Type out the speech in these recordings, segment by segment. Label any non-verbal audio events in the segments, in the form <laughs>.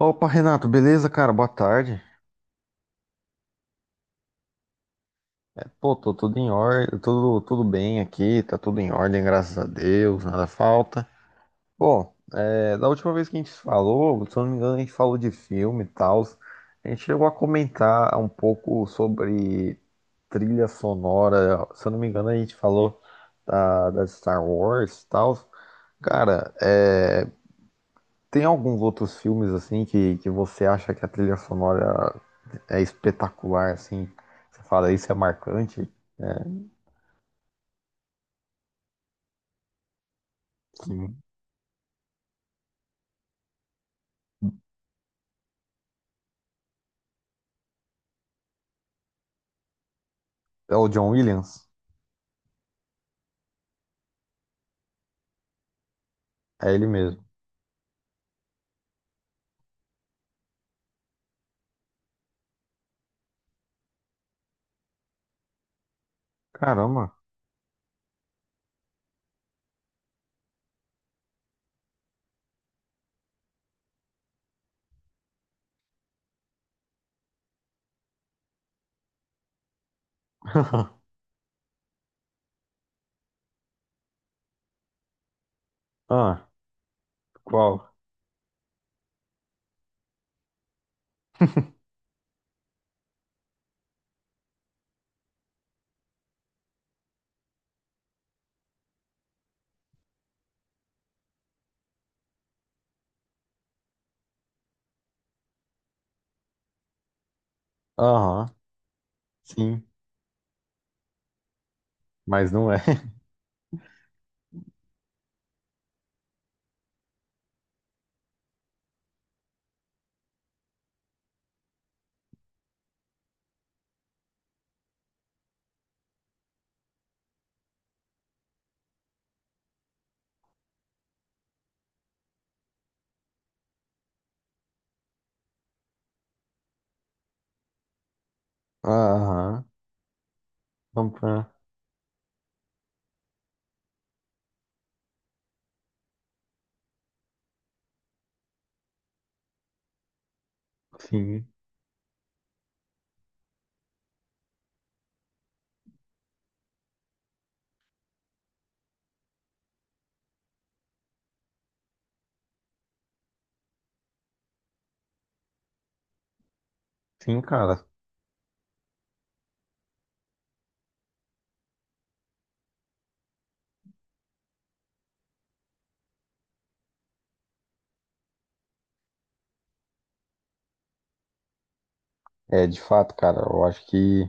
Opa, Renato, beleza, cara? Boa tarde. Pô, tô tudo em ordem, tudo bem aqui, tá tudo em ordem, graças a Deus, nada falta. Pô, é, da última vez que a gente falou, se eu não me engano, a gente falou de filme e tal. A gente chegou a comentar um pouco sobre trilha sonora. Se eu não me engano, a gente falou da Star Wars e tal. Cara, é, tem alguns outros filmes assim que você acha que a trilha sonora é espetacular, assim. Você fala, isso é marcante. Que é o John Williams? É ele mesmo. Caramba. <laughs> Ah, qual? Aham, sim, mas não é. <laughs> Aham, pam, pam. Sim, sim, cara. É, de fato, cara, eu acho que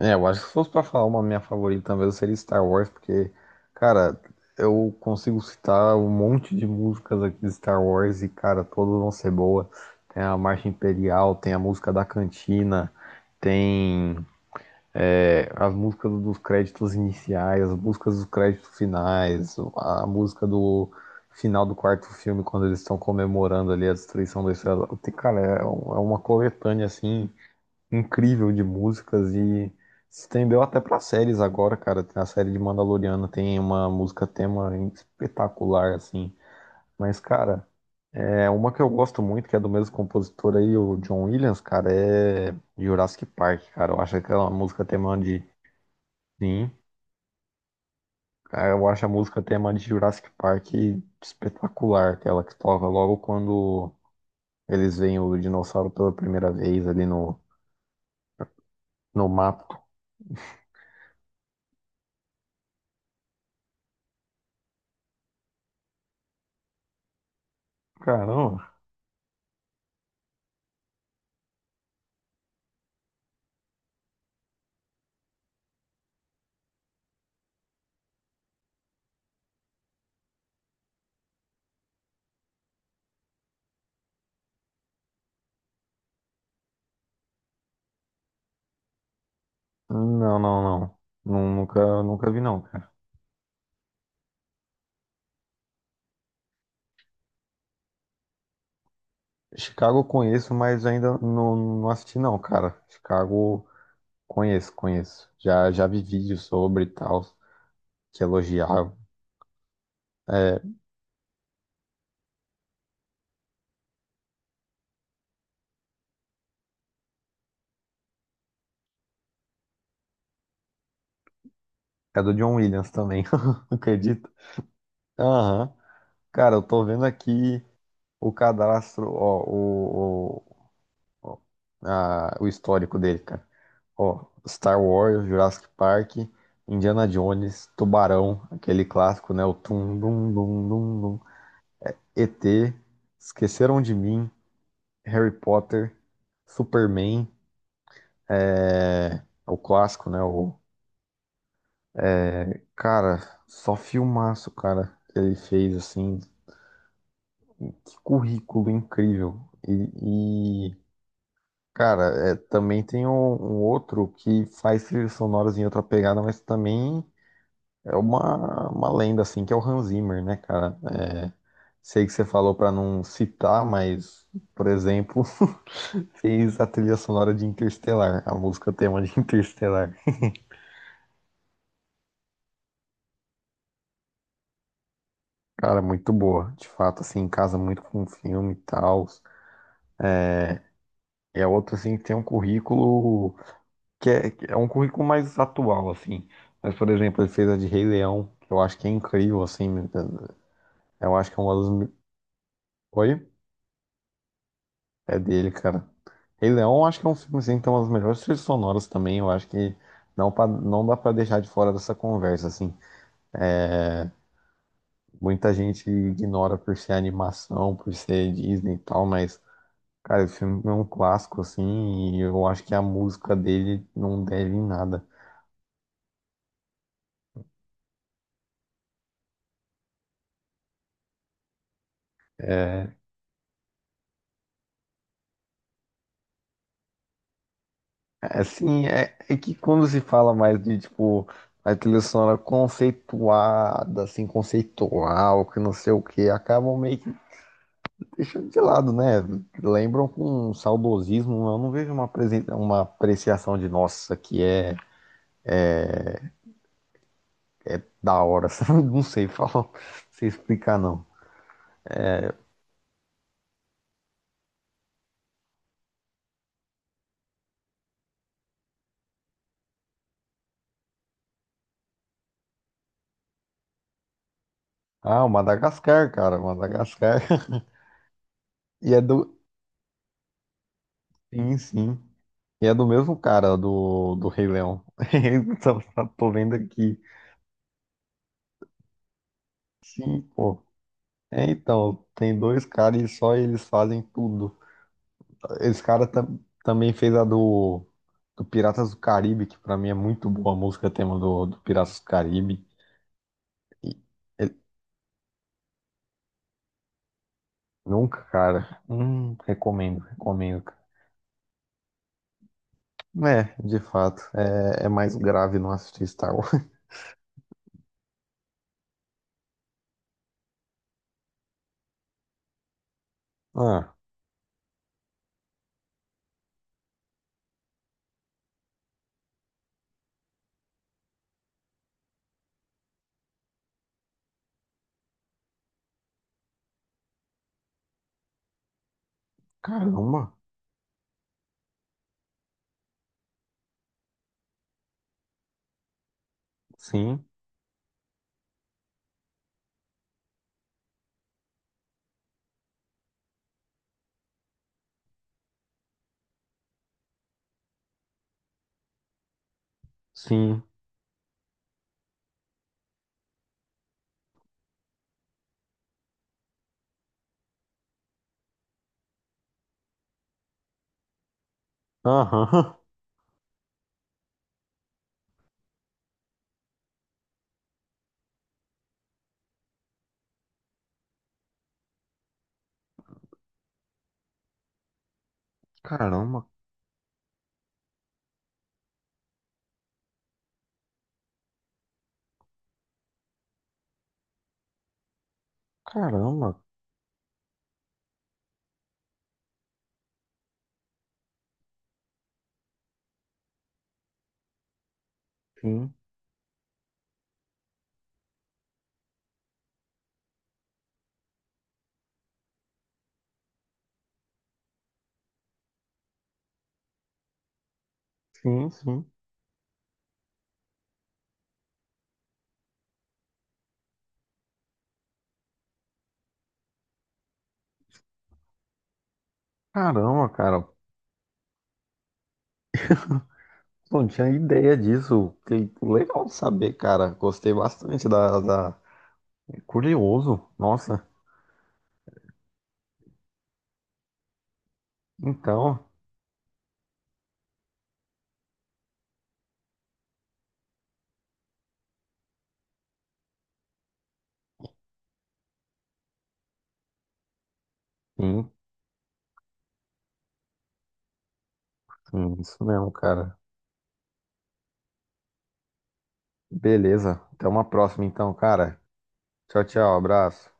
é, eu acho que se fosse pra falar uma minha favorita, talvez seria Star Wars, porque, cara, eu consigo citar um monte de músicas aqui de Star Wars e, cara, todas vão ser boas. Tem a Marcha Imperial, tem a música da cantina, tem é, as músicas dos créditos iniciais, as músicas dos créditos finais, a música do final do quarto filme, quando eles estão comemorando ali a destruição da estrela. Tem- cara, é um- é uma coletânea assim incrível de músicas e se estendeu até pra séries agora, cara. Tem a série de Mandaloriano tem uma música tema espetacular, assim. Mas, cara, é uma que eu gosto muito, que é do mesmo compositor aí, o John Williams, cara, é Jurassic Park, cara. Eu acho aquela música tema de. Sim, cara, eu acho a música tema de Jurassic Park espetacular, aquela que toca logo quando eles veem o dinossauro pela primeira vez ali no mapa. Caramba. Não, não, não. Nu- nunca, nunca vi, não, cara. Chicago eu conheço, mas ainda não assisti, não, cara. Chicago conheço, conheço. Já vi vídeos sobre e tal, que elogiavam. É, é do John Williams também, <laughs> acredito. Aham. Cara, eu tô vendo aqui o cadastro, ó, o a- o histórico dele, cara. Ó, Star Wars, Jurassic Park, Indiana Jones, Tubarão, aquele clássico, né? O tum, dum, dum, dum, ET, Esqueceram de Mim, Harry Potter, Superman, é... o clássico, né? O... cara, só filmaço, cara, que ele fez, assim. Que currículo incrível. E cara, é, também tem um, um outro que faz trilhas sonoras em outra pegada, mas também é uma lenda, assim, que é o Hans Zimmer, né, cara? É, sei que você falou pra não citar, mas, por exemplo, fez a trilha sonora de Interstellar, a música tema de <laughs> Interstellar. Cara, muito boa. De fato, assim, casa muito com o filme e tal. É outro, assim, que tem um currículo que é um currículo mais atual, assim. Mas, por exemplo, ele fez a de Rei Leão, que eu acho que é incrível, assim. Eu acho que é uma das. Me- oi? É dele, cara. Rei Leão, eu acho que é um filme, assim, que tem umas melhores trilhas sonoras também. Eu acho que não, pa- não dá pra deixar de fora dessa conversa, assim. Muita gente ignora por ser animação, por ser Disney e tal, mas, cara, o filme é um clássico, assim, e eu acho que a música dele não deve em nada. É, é, assim, é que quando se fala mais de, tipo, a trilha sonora conceituada, assim, conceitual, que não sei o que, acabam meio que deixando de lado, né? Lembram com um saudosismo, eu não vejo uma, apresen- uma apreciação de, nossa, que é da hora, <laughs> sabe? Não sei <laughs> falar, não sei explicar, não. Ah, o Madagascar, cara, Madagascar. <laughs> E é do. Sim, sim. E é do mesmo cara do, do Rei Leão. <laughs> Tô vendo aqui. Sim, pô. É, então, tem dois caras e só eles fazem tudo. Esse cara tam- também fez a do, do Piratas do Caribe, que pra mim é muito boa a música tema do, do Piratas do Caribe. E ele- nunca, cara. Recomendo, recomendo. Cara. É, de fato. É, é mais grave não assistir Star Wars. <laughs> Ah, caramba. Sim, sim. Aham. <laughs> Caramba, caramba. Sim, sim, sim. Caramba, cara. Não tinha ideia disso. Que legal saber, cara. Gostei bastante da, da... curioso. Nossa. Então, sim, sim, isso mesmo, cara. Beleza. Até uma próxima, então, cara. Tchau, tchau. Abraço.